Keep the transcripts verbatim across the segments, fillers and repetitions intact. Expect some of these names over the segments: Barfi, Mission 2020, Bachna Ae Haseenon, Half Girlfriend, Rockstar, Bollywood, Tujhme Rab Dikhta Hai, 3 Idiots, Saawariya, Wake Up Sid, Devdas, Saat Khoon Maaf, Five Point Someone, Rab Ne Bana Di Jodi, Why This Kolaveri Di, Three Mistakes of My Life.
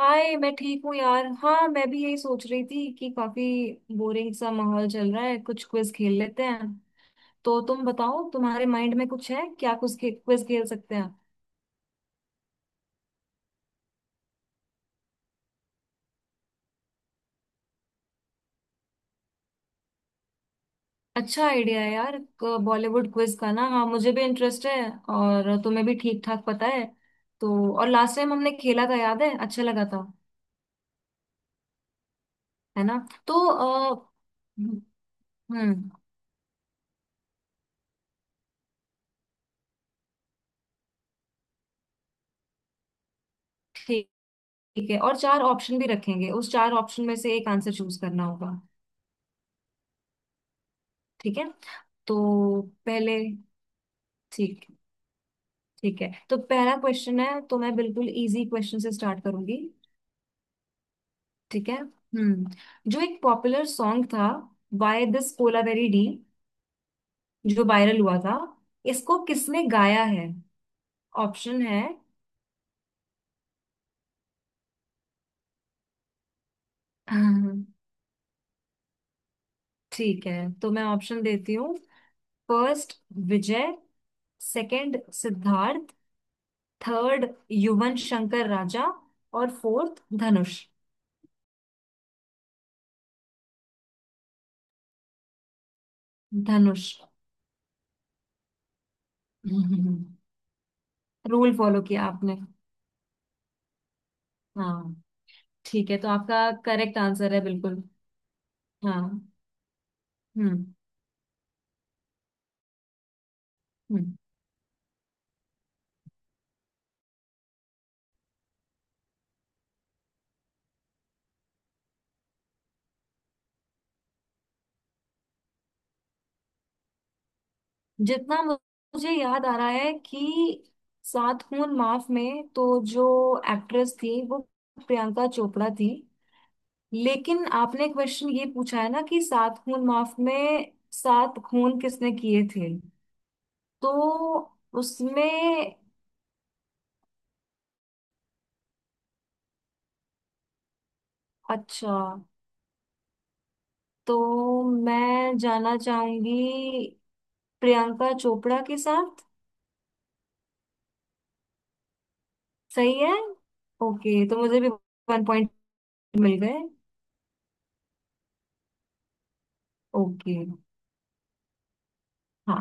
हाय, मैं ठीक हूँ यार। हाँ, मैं भी यही सोच रही थी कि काफी बोरिंग सा माहौल चल रहा है, कुछ क्विज खेल लेते हैं। तो तुम बताओ, तुम्हारे माइंड में कुछ है क्या? कुछ क्विज खेल सकते हैं। अच्छा आइडिया है यार, बॉलीवुड क्विज का ना। हाँ, मुझे भी इंटरेस्ट है और तुम्हें भी ठीक ठाक पता है तो। और लास्ट टाइम हमने खेला था, याद है? अच्छा लगा था, है ना? तो अ, हम्म। ठीक ठीक है। और चार ऑप्शन भी रखेंगे, उस चार ऑप्शन में से एक आंसर चूज करना होगा। ठीक है। तो पहले ठीक। ठीक है, तो पहला क्वेश्चन है, तो मैं बिल्कुल इजी क्वेश्चन से स्टार्ट करूंगी। ठीक है। हम्म, जो एक पॉपुलर सॉन्ग था बाय दिस कोलावेरी डी, जो वायरल हुआ था, इसको किसने गाया है? ऑप्शन है। ठीक है, तो मैं ऑप्शन देती हूँ। First Vijay, second Siddharth, third Yuvan Shankar Raja और फोर्थ धनुष। धनुष। रूल फॉलो किया आपने। हाँ। ठीक है, तो आपका करेक्ट आंसर है बिल्कुल। हाँ। हम्म। हम्म। जितना मु- मुझे याद आ रहा है कि सात खून माफ में तो जो एक्ट्रेस थी वो प्रियंका चोपड़ा थी। लेकिन आपने क्वेश्चन ये पूछा है ना कि सात खून माफ में सात खून किसने किए थे, तो उसमें अच्छा, तो मैं जाना चाहूंगी प्रियंका चोपड़ा के साथ। सही है। ओके, तो मुझे भी वन मिल गए। ओके। हाँ।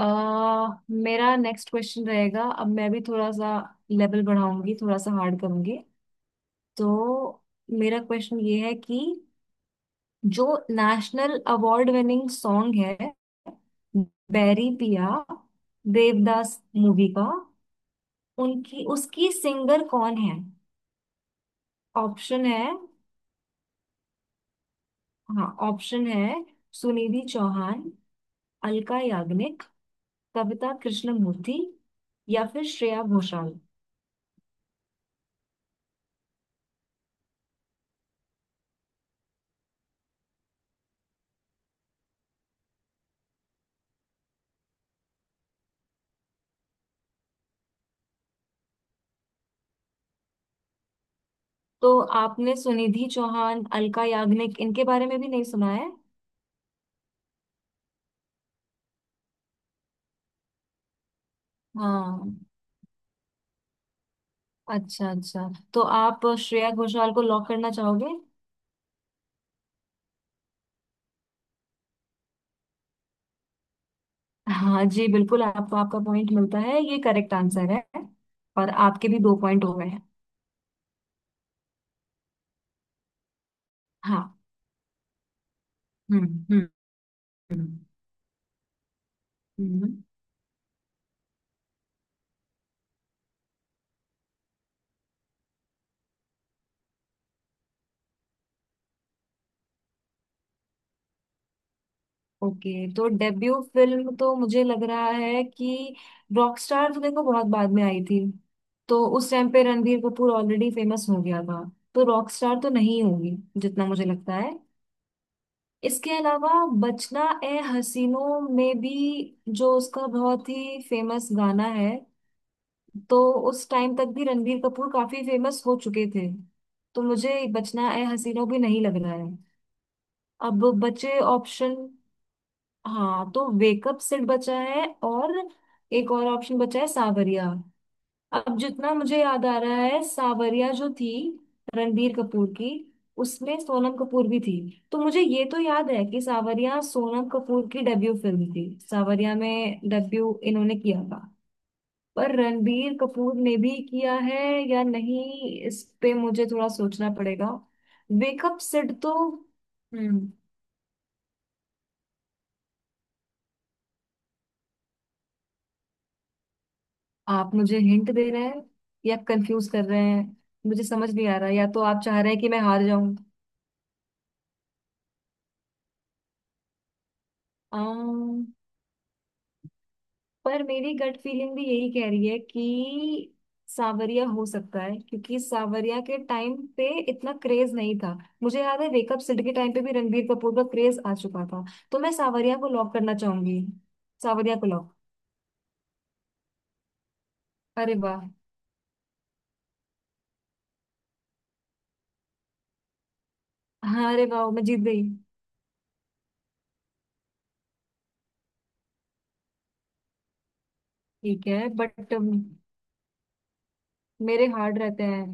अह मेरा नेक्स्ट क्वेश्चन रहेगा। अब मैं भी थोड़ा सा लेवल बढ़ाऊंगी, थोड़ा सा हार्ड करूंगी। तो मेरा क्वेश्चन ये है कि जो नेशनल अवार्ड विनिंग सॉन्ग है बैरी पिया, देवदास मूवी का, उनकी उसकी सिंगर कौन है? ऑप्शन है। हाँ, ऑप्शन है। सुनिधि चौहान, अलका याग्निक, कविता कृष्णमूर्ति या फिर श्रेया घोषाल। तो आपने सुनिधि चौहान, अलका याग्निक, इनके बारे में भी नहीं सुना है? हाँ। अच्छा अच्छा। तो आप श्रेया घोषाल को लॉक करना चाहोगे? हाँ जी, बिल्कुल आपको आपका पॉइंट मिलता है। ये करेक्ट आंसर है और आपके भी दो पॉइंट हो गए हैं। हाँ। हम्म। हम्म। हम्म। हम्म। ओके, तो डेब्यू फिल्म तो मुझे लग रहा है कि रॉकस्टार तो देखो बहुत बाद में आई थी, तो उस टाइम पे रणबीर कपूर ऑलरेडी फेमस हो गया था। तो रॉकस्टार तो नहीं होगी जितना मुझे लगता है। इसके अलावा बचना ए हसीनों में भी जो उसका बहुत ही फेमस गाना है, तो उस टाइम तक भी रणबीर कपूर काफी फेमस हो चुके थे। तो मुझे बचना ए हसीनों भी नहीं लग रहा है। अब बचे ऑप्शन, हाँ, तो वेकअप सिर्फ बचा है और एक और ऑप्शन बचा है सावरिया। अब जितना मुझे याद आ रहा है, सावरिया जो थी रणबीर कपूर की, उसमें सोनम कपूर भी थी। तो मुझे ये तो याद है कि सावरिया सोनम कपूर की डेब्यू फिल्म थी, सावरिया में डेब्यू इन्होंने किया था। पर रणबीर कपूर ने भी किया है या नहीं, इस पे मुझे थोड़ा सोचना पड़ेगा। वेकअप सिड तो हम्म। आप मुझे हिंट दे रहे हैं या कंफ्यूज कर रहे हैं, मुझे समझ नहीं आ रहा। या तो आप चाह रहे हैं कि मैं हार जाऊं। पर मेरी गट फीलिंग भी यही कह रही है कि सावरिया हो सकता है, क्योंकि सावरिया के टाइम पे इतना क्रेज नहीं था। मुझे याद है वेकअप सिड के टाइम पे भी रणबीर कपूर का क्रेज आ चुका था। तो मैं सावरिया को लॉक करना चाहूंगी। सावरिया को लॉक। अरे वाह। हाँ, अरे वाह, मैं जीत गई। ठीक है बट मेरे हार्ड रहते हैं।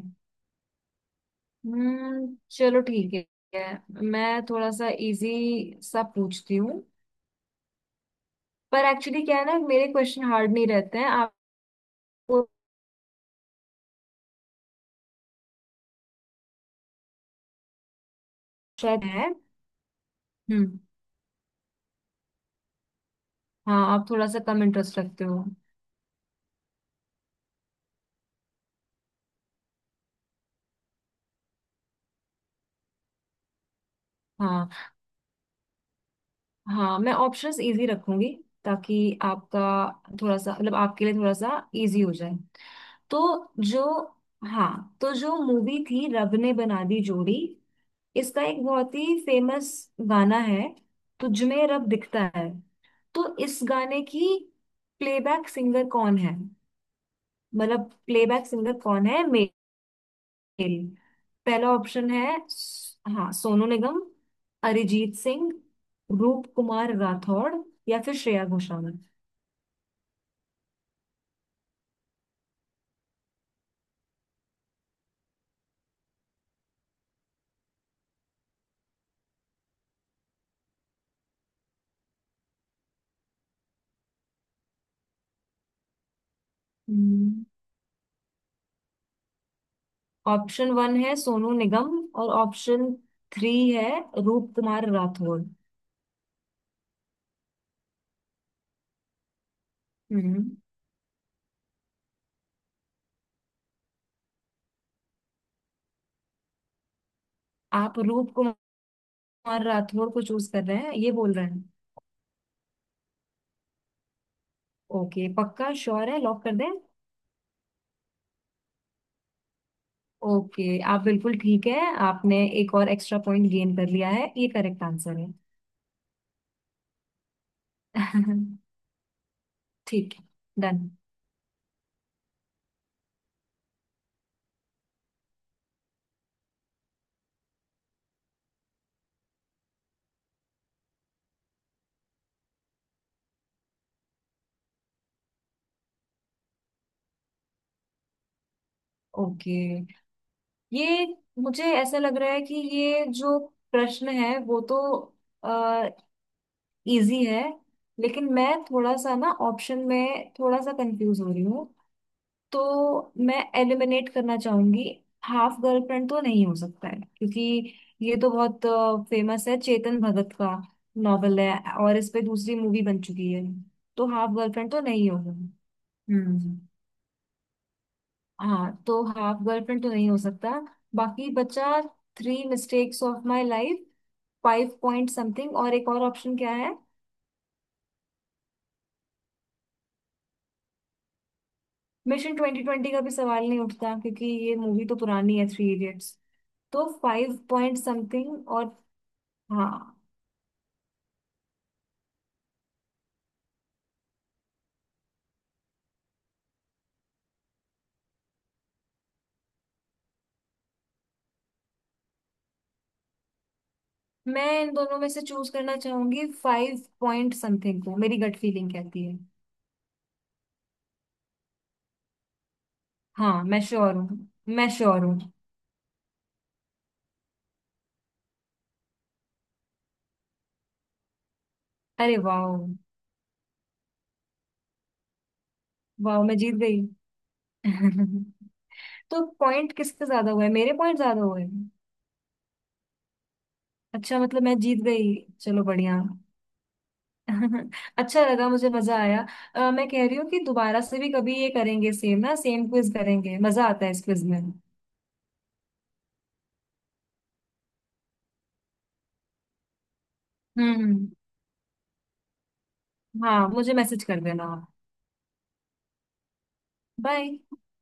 हम्म, चलो ठीक है। मैं थोड़ा सा इजी सा पूछती हूँ। पर एक्चुअली क्या है ना, मेरे क्वेश्चन हार्ड नहीं रहते हैं आपको, शायद है। हम्म। हाँ, आप थोड़ा सा कम इंटरेस्ट रखते हो। हाँ, हाँ, मैं ऑप्शंस इजी रखूंगी ताकि आपका थोड़ा सा, मतलब आपके लिए थोड़ा सा इजी हो जाए। तो जो हाँ, तो जो मूवी थी रब ने बना दी जोड़ी, इसका एक बहुत ही फेमस गाना है तुझमें रब दिखता है, तो इस गाने की प्लेबैक सिंगर कौन है, मतलब प्लेबैक सिंगर कौन है मेल? पहला ऑप्शन है, हाँ, सोनू निगम, अरिजीत सिंह, रूप कुमार राठौड़ या फिर श्रेया घोषाल। हम्म, ऑप्शन वन है सोनू निगम और ऑप्शन थ्री है रूप कुमार राठौड़। हम्म, आप रूप कुमार राठौड़ को चूज कर रहे हैं, ये बोल रहे हैं? ओके, पक्का श्योर है, लॉक कर दें? ओके, आप बिल्कुल ठीक है। आपने एक और एक्स्ट्रा पॉइंट गेन कर लिया है, ये करेक्ट आंसर है। ठीक है। डन। ओके, ये मुझे ऐसा लग रहा है कि ये जो प्रश्न है वो तो इजी है, लेकिन मैं थोड़ा सा ना ऑप्शन में थोड़ा सा कंफ्यूज हो रही हूँ। तो मैं एलिमिनेट करना चाहूंगी। हाफ गर्लफ्रेंड तो नहीं हो सकता है, क्योंकि ये तो बहुत फेमस है, चेतन भगत का नॉवेल है और इस पे दूसरी मूवी बन चुकी है। तो हाफ गर्लफ्रेंड तो नहीं होगा। हम्म। हाँ, तो हाफ गर्लफ्रेंड तो नहीं हो सकता। बाकी बचा three mistakes of my life, five point something और एक और ऑप्शन क्या है? मिशन ट्वेंटी ट्वेंटी का भी सवाल नहीं उठता क्योंकि ये मूवी तो पुरानी है थ्री इडियट्स। तो फाइव पॉइंट समथिंग और हाँ, मैं इन दोनों में से चूज करना चाहूंगी फाइव पॉइंट समथिंग को, मेरी गट फीलिंग कहती है। हाँ, मैं श्योर हूँ। मैं श्योर हूँ। अरे वाह। वाह, मैं जीत गई। तो पॉइंट किसके ज्यादा हुए? मेरे पॉइंट ज्यादा हुए? अच्छा, मतलब मैं जीत गई। चलो बढ़िया। अच्छा लगा, मुझे मजा आया। अ, मैं कह रही हूँ कि दोबारा से भी कभी ये करेंगे, सेम ना, सेम क्विज करेंगे, मजा आता है इस क्विज में। हम्म। हाँ, मुझे मैसेज कर देना आप। बाय।